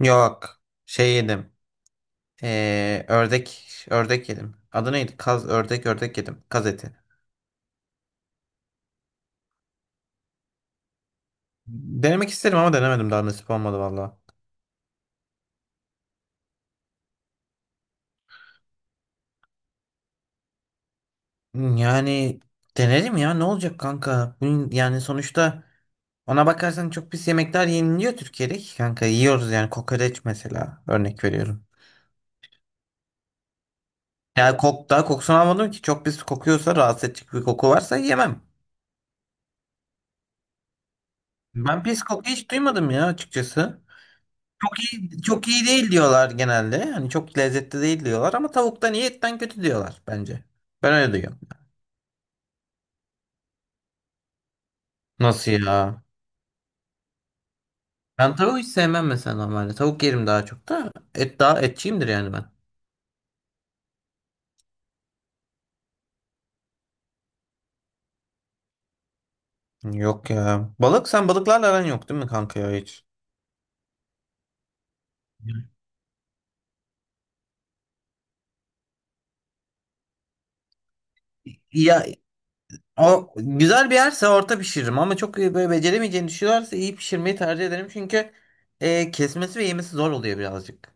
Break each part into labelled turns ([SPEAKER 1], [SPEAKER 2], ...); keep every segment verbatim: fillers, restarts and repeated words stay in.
[SPEAKER 1] Yok. Şey yedim. Ee, ördek ördek yedim. Adı neydi? Kaz ördek ördek yedim. Kaz eti. Denemek isterim ama denemedim daha nasip olmadı valla. Yani denerim ya ne olacak kanka? Bunun- Yani sonuçta ona bakarsan çok pis yemekler yeniliyor Türkiye'de ki kanka. Yiyoruz yani kokoreç mesela örnek veriyorum. Yani kok, daha kokusunu almadım ki çok pis kokuyorsa rahatsız edecek bir koku varsa yemem. Ben pis koku hiç duymadım ya açıkçası. Çok iyi, çok iyi değil diyorlar genelde. Hani çok lezzetli değil diyorlar ama tavuktan iyi etten kötü diyorlar bence. Ben öyle diyorum. Nasıl ya? Ben tavuğu hiç sevmem mesela normalde. Tavuk yerim daha çok da. Et daha etçiyimdir yani ben. Yok ya. Balık sen balıklarla aran yok değil mi kanka ya hiç? Ya o güzel bir yerse orta pişiririm ama çok iyi böyle beceremeyeceğini düşünüyorlarsa iyi pişirmeyi tercih ederim çünkü e, kesmesi ve yemesi zor oluyor birazcık.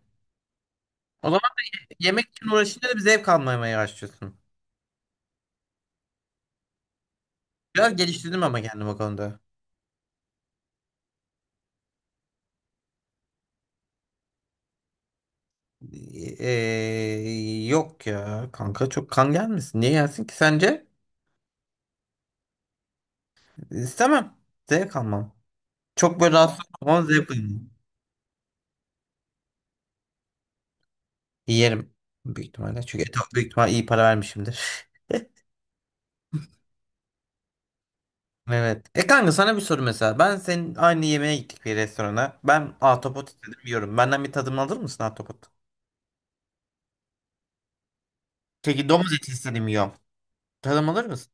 [SPEAKER 1] O zaman yemek için uğraşınca da bir zevk almamaya başlıyorsun. Biraz geliştirdim ama kendim o konuda. Ee, yok ya kanka çok kan gelmesin. Niye gelsin ki sence? İstemem. Zevk almam. Çok böyle rahatsız olmam zevk almam. Yerim. Büyük ihtimalle. Çünkü et büyük ihtimalle iyi para vermişimdir. Evet. E kanka sana bir soru mesela. Ben senin aynı yemeğe gittik bir restorana. Ben ahtapot istedim yiyorum. Benden bir tadım alır mısın ahtapot? Peki domuz eti istedim yiyorum. Tadım alır mısın?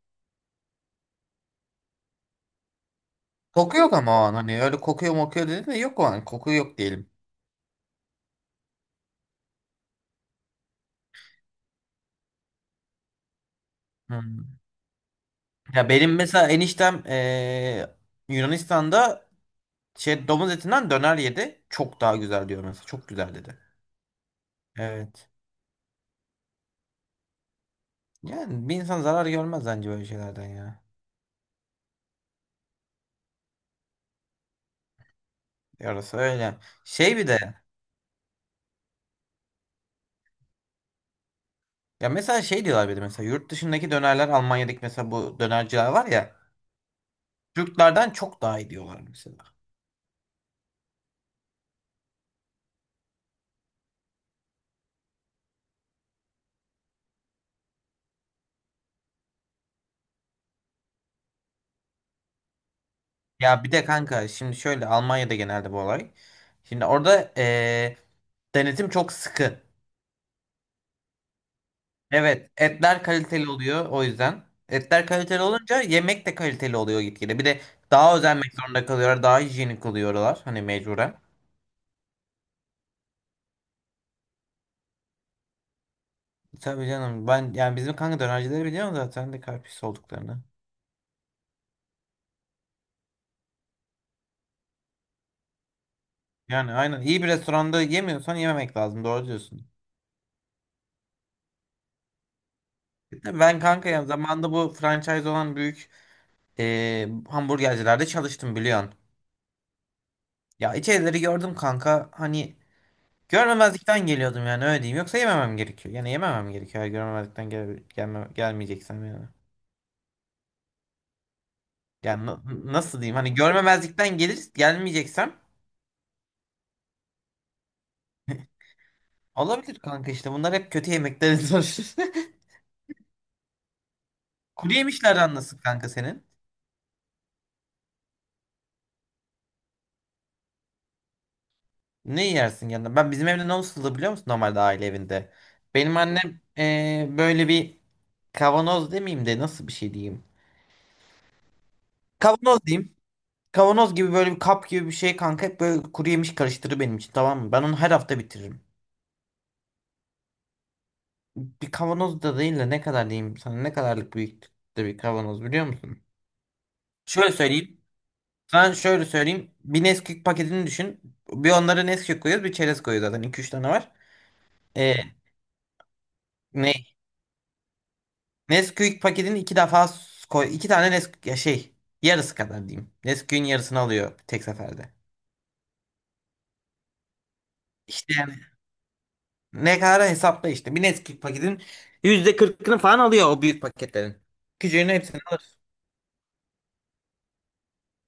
[SPEAKER 1] Koku yok ama o an hani öyle kokuyor mokuyor dedin de yok o an. Koku yok diyelim. Hmm. Ya benim mesela eniştem eee, Yunanistan'da şey domuz etinden döner yedi. Çok daha güzel diyor mesela. Çok güzel dedi. Evet. Yani bir insan zarar görmez bence böyle şeylerden ya. Yarası öyle. Şey bir de ya mesela şey diyorlar bir de mesela yurt dışındaki dönerler Almanya'daki mesela bu dönerciler var ya Türklerden çok daha iyi diyorlar mesela. Ya bir de kanka şimdi şöyle Almanya'da genelde bu olay. Şimdi orada eee, denetim çok sıkı. Evet, etler kaliteli oluyor o yüzden. Etler kaliteli olunca yemek de kaliteli oluyor gitgide. Bir de daha özenmek zorunda kalıyorlar, daha hijyenik oluyorlar hani mecburen. Tabii canım ben yani bizim kanka dönercileri biliyorum zaten de kalp pis olduklarını. Yani aynen iyi bir restoranda yemiyorsan yememek lazım doğru diyorsun. Ben kanka ya zamanında bu franchise olan büyük e, hamburgercilerde çalıştım biliyorsun. Ya içerileri gördüm kanka hani Görmemezlikten geliyordum yani öyle diyeyim. Yoksa yememem gerekiyor. Yani yememem gerekiyor. Eğer görmemezlikten gel gelme gelmeyeceksem yani. Yani na- nasıl diyeyim? Hani görmemezlikten gelir gelmeyeceksem olabilir kanka işte. Bunlar hep kötü yemeklerin sonuçları. Kuru yemişlerden nasıl kanka senin? Ne yersin yanında? Ben bizim evde ne olurdu biliyor musun? Normalde aile evinde. Benim annem eee, böyle bir kavanoz demeyeyim de nasıl bir şey diyeyim. Kavanoz diyeyim. Kavanoz gibi böyle bir kap gibi bir şey kanka hep böyle kuru yemiş karıştırır benim için, tamam mı? Ben onu her hafta bitiririm. bir kavanoz da değil de ne kadar diyeyim sana, ne kadarlık büyüklükte bir kavanoz biliyor musun? Şöyle söyleyeyim. Sana şöyle söyleyeyim. Bir Nesquik paketini düşün. Bir onlara Nesquik koyuyoruz bir çerez koyuyoruz zaten. İki üç tane var. Ee, ne? Nesquik paketini iki defa s- koy. İki tane Nesquik ya şey yarısı kadar diyeyim. Nesquik'in yarısını alıyor tek seferde. İşte yani ne kadar hesapla işte. Bir Nesquik paketin yüzde kırkını falan alıyor o büyük paketlerin. Küçüğünü hepsini alır.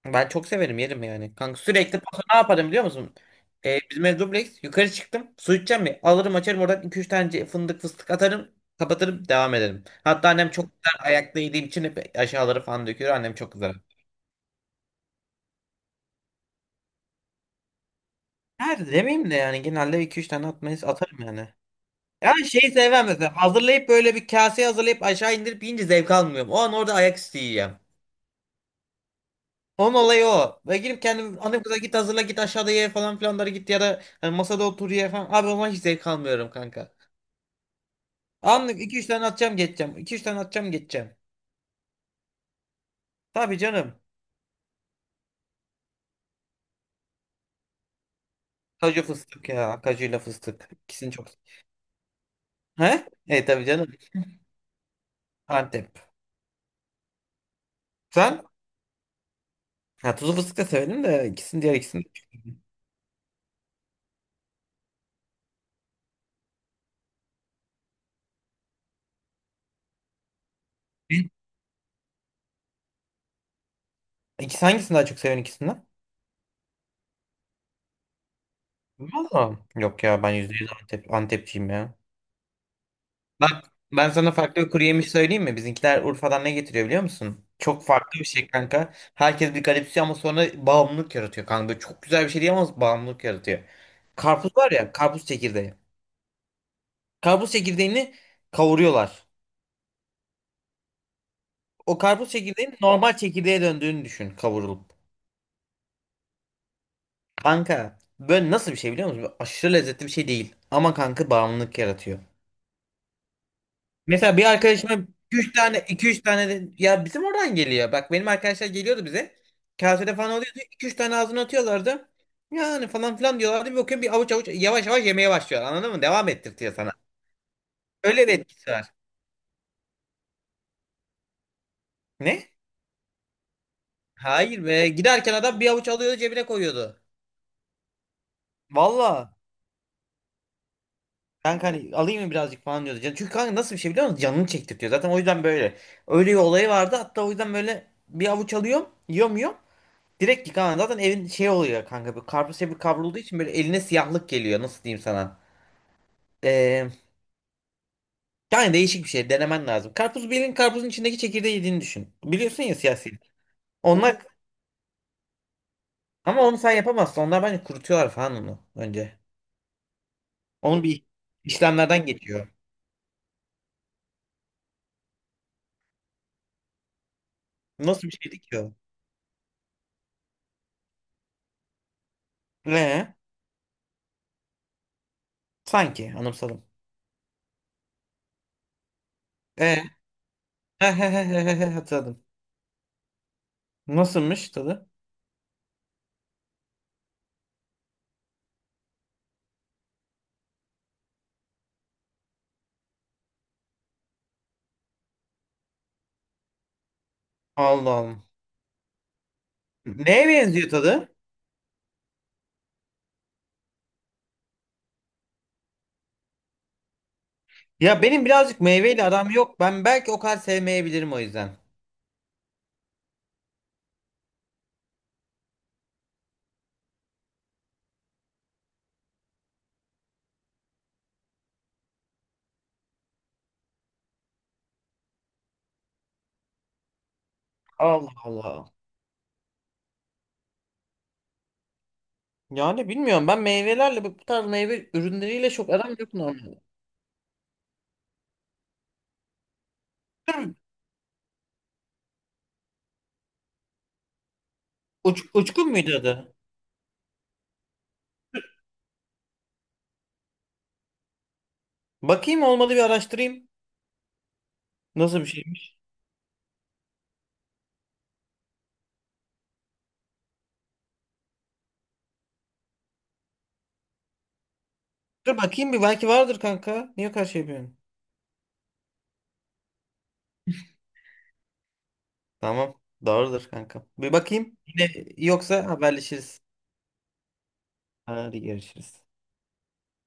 [SPEAKER 1] Ben çok severim yerim yani. Kanka sürekli paso ne yaparım biliyor musun? Ee, bizim ev dubleks. Yukarı çıktım. Su içeceğim mi? Alırım açarım oradan iki üç tane ce- fındık fıstık atarım. Kapatırım devam ederim. Hatta annem çok güzel ayakta yediğim için hep aşağıları falan döküyor. Annem çok güzel. Her demeyeyim de yani genelde iki üç tane atmayı atarım yani. Yani şeyi sevmem mesela hazırlayıp böyle bir kaseye hazırlayıp aşağı indirip yiyince zevk almıyorum. O an orada ayak üstü yiyeceğim. Onun olayı o. Ve girip kendim annem kıza git hazırla git aşağıda ye falan filanları git ya da hani masada otur ye falan. Abi ama hiç zevk almıyorum kanka. Anlık iki üç tane atacağım geçeceğim. iki üç tane atacağım geçeceğim. Tabii canım. Kaju fıstık ya. Kajuyla fıstık. İkisini çok. He? E tabii canım. Antep. Sen? Ha, tuzlu fıstık da severim de ikisini diğer ikisini de çok severim. Hı? İkisi hangisini daha çok seviyorsun ikisinden? Valla. Yok ya ben yüzde yüz Antep, Antepçiyim ya. Bak ben sana farklı bir kuru yemiş söyleyeyim mi? Bizimkiler Urfa'dan ne getiriyor biliyor musun? Çok farklı bir şey kanka. Herkes bir garipsiyor ama sonra bağımlılık yaratıyor kanka. Böyle çok güzel bir şey değil ama bağımlılık yaratıyor. Karpuz var ya, karpuz çekirdeği. Karpuz çekirdeğini kavuruyorlar. O karpuz çekirdeğinin normal çekirdeğe döndüğünü düşün kavurulup. Kanka böyle nasıl bir şey biliyor musun? Böyle aşırı lezzetli bir şey değil. Ama kanka bağımlılık yaratıyor. Mesela bir arkadaşıma iki üç tane iki üç tane de, ya bizim oradan geliyor. Bak benim arkadaşlar geliyordu bize. Kasede falan oluyordu. iki üç tane ağzına atıyorlardı. Yani falan filan diyorlardı. Bir bakıyorum bir avuç avuç yavaş yavaş yemeye başlıyor. Anladın mı? Devam ettirtiyor sana. Öyle bir etkisi var. Ne? Hayır be. Giderken adam bir avuç alıyordu cebine koyuyordu. Valla. Kanka hani alayım mı birazcık falan diyordu. Can- Çünkü kanka nasıl bir şey biliyor musun? Canını çektirtiyor. Zaten o yüzden böyle. Öyle bir olayı vardı. Hatta o yüzden böyle bir avuç alıyorum. Yiyorum yiyorum. Direkt yıkanan zaten evin şey oluyor kanka. Bir karpuz şey bir kavrulduğu için böyle eline siyahlık geliyor. Nasıl diyeyim sana? Ee, yani değişik bir şey. Denemen lazım. Karpuz bir elin karpuzun içindeki çekirdeği yediğini düşün. Biliyorsun ya siyah silik. Onlar ama onu sen yapamazsın. Onlar bence kurutuyorlar falan onu önce. Onun bir işlemlerden geçiyor. Nasıl bir şeydi ki o? Ee, sanki anımsadım. Ee, hatırladım. Nasılmış tadı? Allah Allah. Neye benziyor tadı? Ya benim birazcık meyveyle aram yok. Ben belki o kadar sevmeyebilirim o yüzden. Allah Allah. Yani bilmiyorum ben meyvelerle bu tarz meyve ürünleriyle çok aram yok normalde. Dur, uç, uçkun muydu adı? Bakayım olmadı bir araştırayım. Nasıl bir şeymiş? Dur bakayım bir belki vardır kanka. Niye karşı yapıyorsun? Tamam. Doğrudur kanka. Bir bakayım. Yine yoksa haberleşiriz. Hadi görüşürüz.